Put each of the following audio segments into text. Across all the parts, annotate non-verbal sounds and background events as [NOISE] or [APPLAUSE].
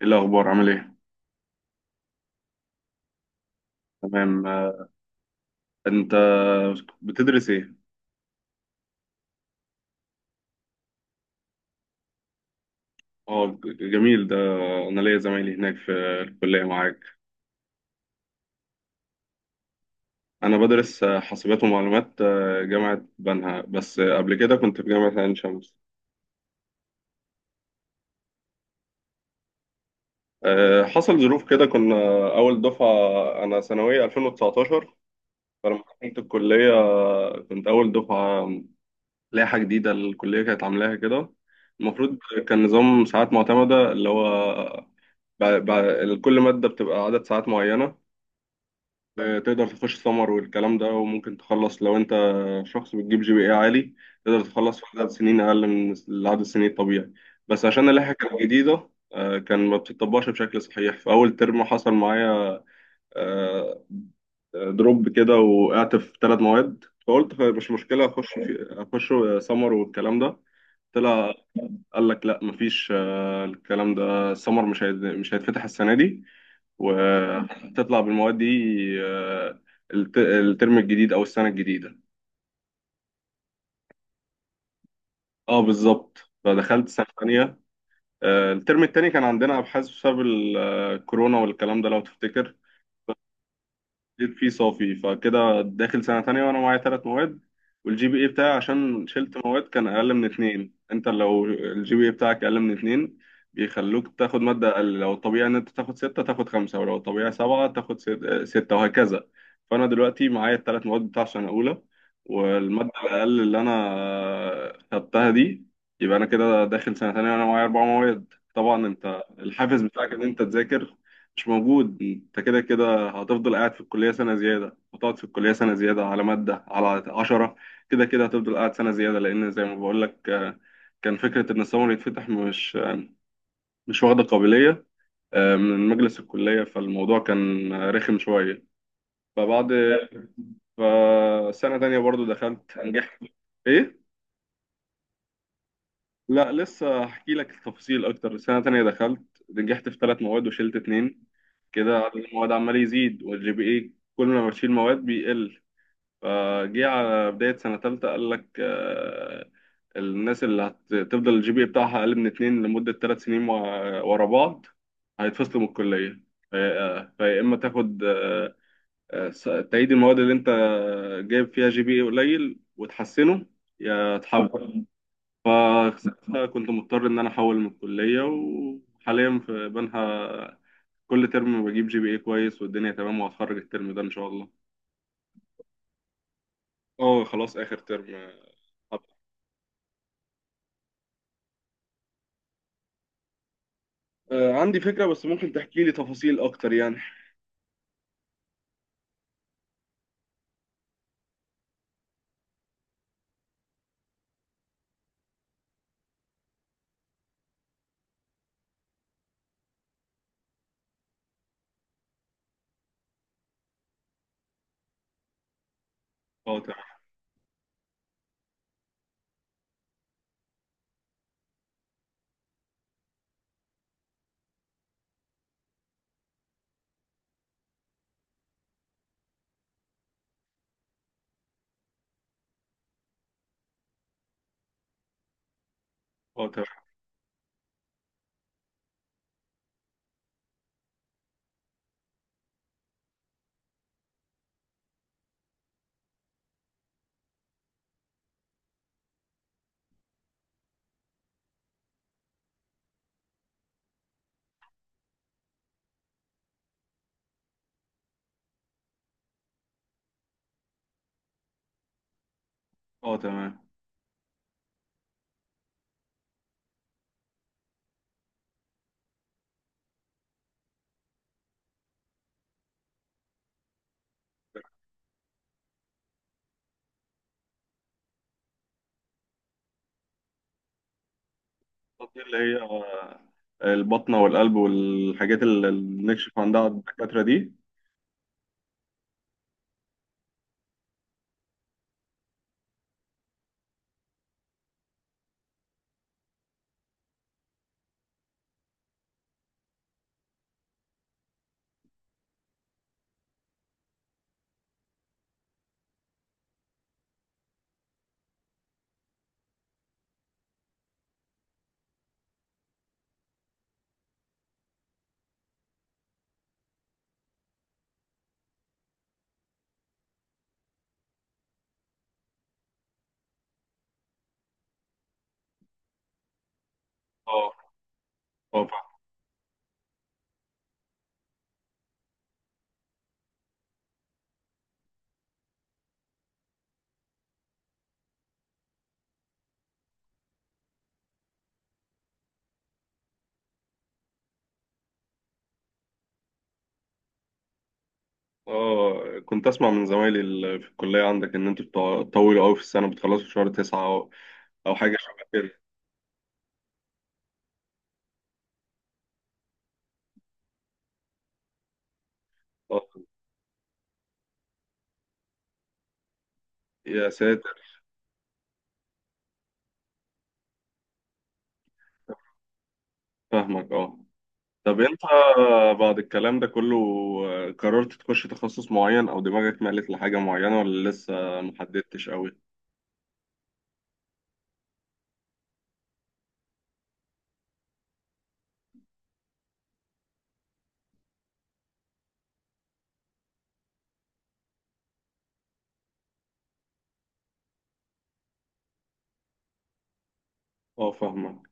ايه الاخبار؟ عامل ايه؟ تمام، انت بتدرس ايه؟ اه، جميل ده. انا ليا زمايلي هناك في الكليه معاك. انا بدرس حاسبات ومعلومات، جامعه بنها، بس قبل كده كنت في جامعه عين شمس. حصل ظروف كده. كنا اول دفعه، انا ثانويه 2019. فلما دخلت الكليه كنت اول دفعه، لائحه جديده الكليه كانت عاملاها كده. المفروض كان نظام ساعات معتمده، اللي هو كل مادة بتبقى عدد ساعات معينة. تقدر تخش سمر والكلام ده، وممكن تخلص لو انت شخص بتجيب جي بي اي عالي، تقدر تخلص في عدد سنين اقل من العدد السنين الطبيعي. بس عشان اللائحه كانت جديده كان ما بتطبقش بشكل صحيح في اول ترم. حصل معايا آه، دروب كده، وقعت في ثلاث مواد، فقلت مش مشكله، اخش في اخش سمر والكلام ده. طلع قال لك لا، مفيش، الكلام ده سمر، مش هيتفتح السنه دي، وهتطلع بالمواد دي. آه، الترم الجديد او السنه الجديده. اه، بالظبط. فدخلت سنه ثانيه. الترم التاني كان عندنا ابحاث بسبب الكورونا والكلام ده لو تفتكر. جيت فيه صافي، فكده داخل سنة تانية وأنا معايا تلات مواد. والجي بي إيه بتاعي عشان شلت مواد كان أقل من اتنين. أنت لو الجي بي إيه بتاعك أقل من اتنين بيخلوك تاخد مادة أقل، لو الطبيعي إن أنت تاخد ستة تاخد خمسة، ولو الطبيعي سبعة تاخد ستة وهكذا. فأنا دلوقتي معايا التلات مواد بتاع سنة أولى، والمادة الأقل اللي أنا خدتها دي. يبقى أنا كده داخل سنة تانية وأنا معايا أربع مواد. طبعا أنت الحافز بتاعك إن أنت تذاكر مش موجود. أنت كده كده هتفضل قاعد في الكلية سنة زيادة، هتقعد في الكلية سنة زيادة على مادة، على عشرة كده كده هتفضل قاعد سنة زيادة، لأن زي ما بقول لك كان فكرة إن السمر يتفتح مش مش واخدة قابلية من مجلس الكلية. فالموضوع كان رخم شوية. فبعد، فسنة تانية برضو دخلت نجحت. إيه؟ لا، لسه هحكي لك التفاصيل أكتر. سنة تانية دخلت نجحت في ثلاث مواد وشلت اتنين. كده عدد المواد عمال يزيد والجي بي إيه كل ما بشيل مواد بيقل. فجه على بداية سنة تالتة قال لك الناس اللي هتفضل الجي بي إيه بتاعها أقل من اتنين لمدة 3 سنين ورا بعض هيتفصلوا من الكلية. فيا إما تاخد آه، س- تعيد المواد اللي أنت جايب فيها جي بي إيه قليل وتحسنه، يا تحول. فكنت [LAUGHS] مضطر إن أنا أحول من الكلية، وحاليا في بنها كل ترم بجيب جي بي اي كويس والدنيا تمام، وهتخرج الترم ده إن شاء الله. اه، خلاص آخر ترم. عندي فكرة، بس ممكن تحكي لي تفاصيل أكتر يعني. أه، تمام. أه، تمام. أه، تمام. دي اللي هي البطنة والقلب والحاجات اللي بنكشف عندها على الدكاترة دي. أه. أه، فاهم. أه، كنت أسمع من زمايلي اللي في الكلية عندك إن أنتوا بتطولوا أوي في السنة، بتخلصوا في شهر 9 أو أو حاجة شبه كده. أه. يا ساتر. فاهمك أه. طب أنت بعد الكلام ده كله قررت تخش تخصص معين أو دماغك مالت لحاجة معينة ولا لسه محددتش أوي؟ اه، فاهمك.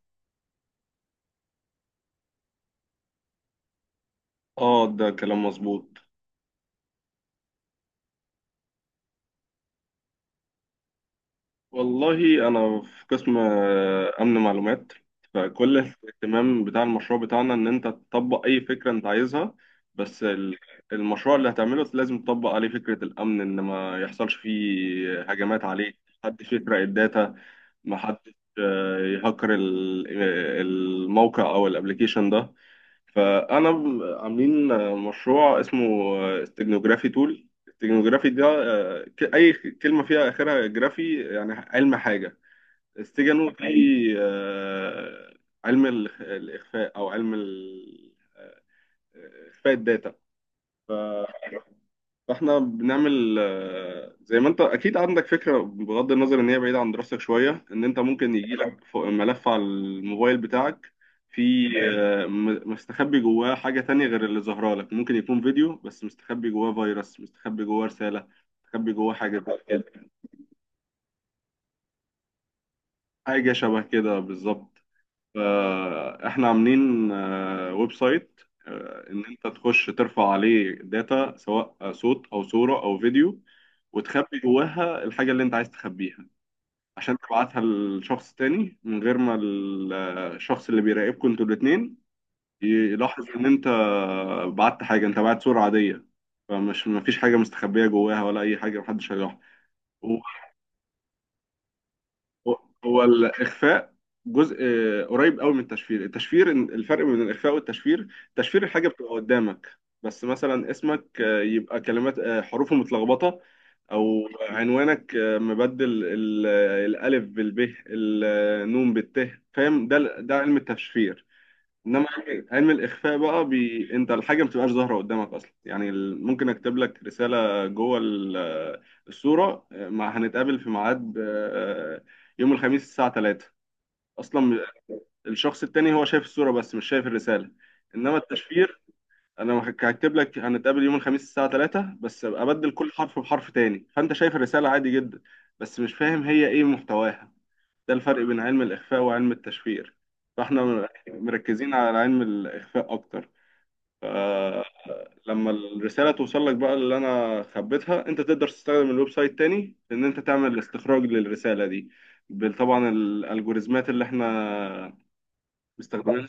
اه، ده كلام مظبوط. والله انا في قسم امن معلومات. فكل الاهتمام بتاع المشروع بتاعنا ان انت تطبق اي فكره انت عايزها، بس المشروع اللي هتعمله لازم تطبق عليه فكره الامن، ان ما يحصلش فيه هجمات عليه، محدش يسرق الداتا، محدش يهكر الموقع او الابليكيشن ده. فانا عاملين مشروع اسمه استجنوجرافي تول. استجنوجرافي ده اي كلمه فيها اخرها جرافي يعني علم حاجه. استجنو في آه، علم الاخفاء او علم اخفاء الداتا. فاحنا بنعمل زي ما انت اكيد عندك فكره، بغض النظر ان هي بعيده عن دراستك شويه، ان انت ممكن يجي لك ملف على الموبايل بتاعك في مستخبي جواه حاجه تانية غير اللي ظاهره لك. ممكن يكون فيديو بس مستخبي جواه فيروس، مستخبي جواه رساله، مستخبي جواه حاجه زي كده. حاجه شبه كده بالظبط. فاحنا عاملين ويب سايت ان انت تخش ترفع عليه داتا سواء صوت او صورة او فيديو، وتخبي جواها الحاجة اللي انت عايز تخبيها عشان تبعتها لشخص تاني من غير ما الشخص اللي بيراقبكم انتوا الاتنين يلاحظ ان انت بعت حاجة. انت بعت صورة عادية، فمش، مفيش حاجة مستخبية جواها ولا اي حاجة، محدش هيلاحظ. هو الاخفاء جزء قريب قوي من التشفير. التشفير، الفرق بين الاخفاء والتشفير: تشفير الحاجه بتبقى قدامك، بس مثلا اسمك يبقى كلمات، حروفه متلخبطه، او عنوانك مبدل الالف بالب، النون بالت. فاهم؟ ده علم التشفير. انما علم الاخفاء بقى، انت الحاجه ما بتبقاش ظاهره قدامك اصلا. يعني ممكن اكتب لك رساله جوه الصوره، مع هنتقابل في ميعاد يوم الخميس الساعه 3 اصلا. الشخص التاني هو شايف الصوره بس مش شايف الرساله. انما التشفير، انا هكتب لك هنتقابل يوم الخميس الساعه 3، بس أبقى ابدل كل حرف بحرف تاني، فانت شايف الرساله عادي جدا بس مش فاهم هي ايه محتواها. ده الفرق بين علم الاخفاء وعلم التشفير. فاحنا مركزين على علم الإخفاء أكتر. آه، لما الرسالة توصل لك بقى اللي أنا خبيتها، أنت تقدر تستخدم الويب سايت تاني إن أنت تعمل استخراج للرسالة دي طبعا الألجوريزمات اللي إحنا مستخدمينها.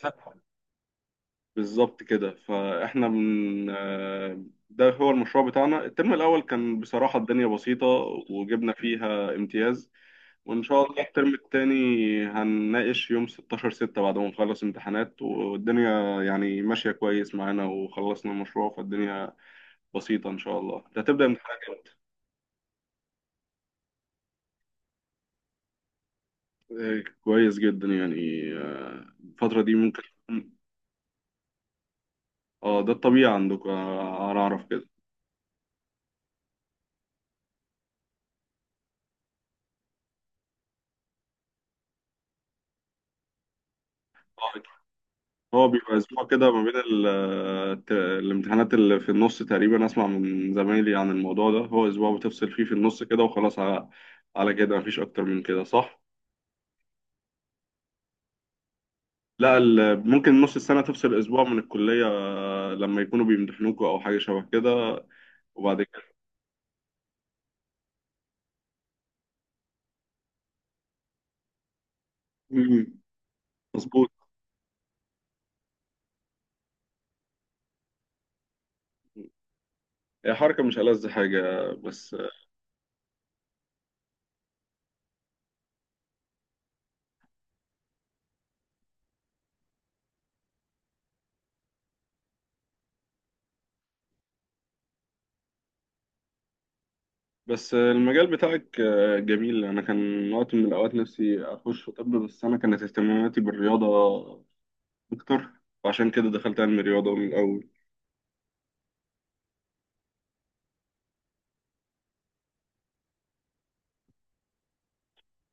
بالظبط كده. فإحنا من، ده هو المشروع بتاعنا. الترم الأول كان بصراحة الدنيا بسيطة وجبنا فيها امتياز. وإن شاء الله الترم التاني هنناقش يوم 16/6 بعد ما نخلص امتحانات، والدنيا يعني ماشية كويس معانا وخلصنا المشروع، فالدنيا بسيطة إن شاء الله. أنت هتبدأ امتحانات إمتى؟ كويس جدا يعني. الفترة دي ممكن تكون- اه، ده الطبيعي عندكم. أنا أعرف كده. آه، هو بيبقى أسبوع كده ما بين الامتحانات اللي في النص تقريبا. أسمع من زمايلي عن الموضوع ده، هو أسبوع بتفصل فيه في النص كده وخلاص، على كده مفيش أكتر من كده صح؟ لا، ممكن نص السنة تفصل أسبوع من الكلية لما يكونوا بيمتحنوكوا أو حاجة شبه كده وبعد كده. مم. مظبوط. هي حركة مش ألذ حاجة بس. بس المجال بتاعك جميل. أنا كان وقت من الأوقات نفسي أخش في طب، بس أنا كانت اهتماماتي بالرياضة أكتر، وعشان كده دخلت علم الرياضة من الأول.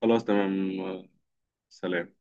خلاص تمام. سلام.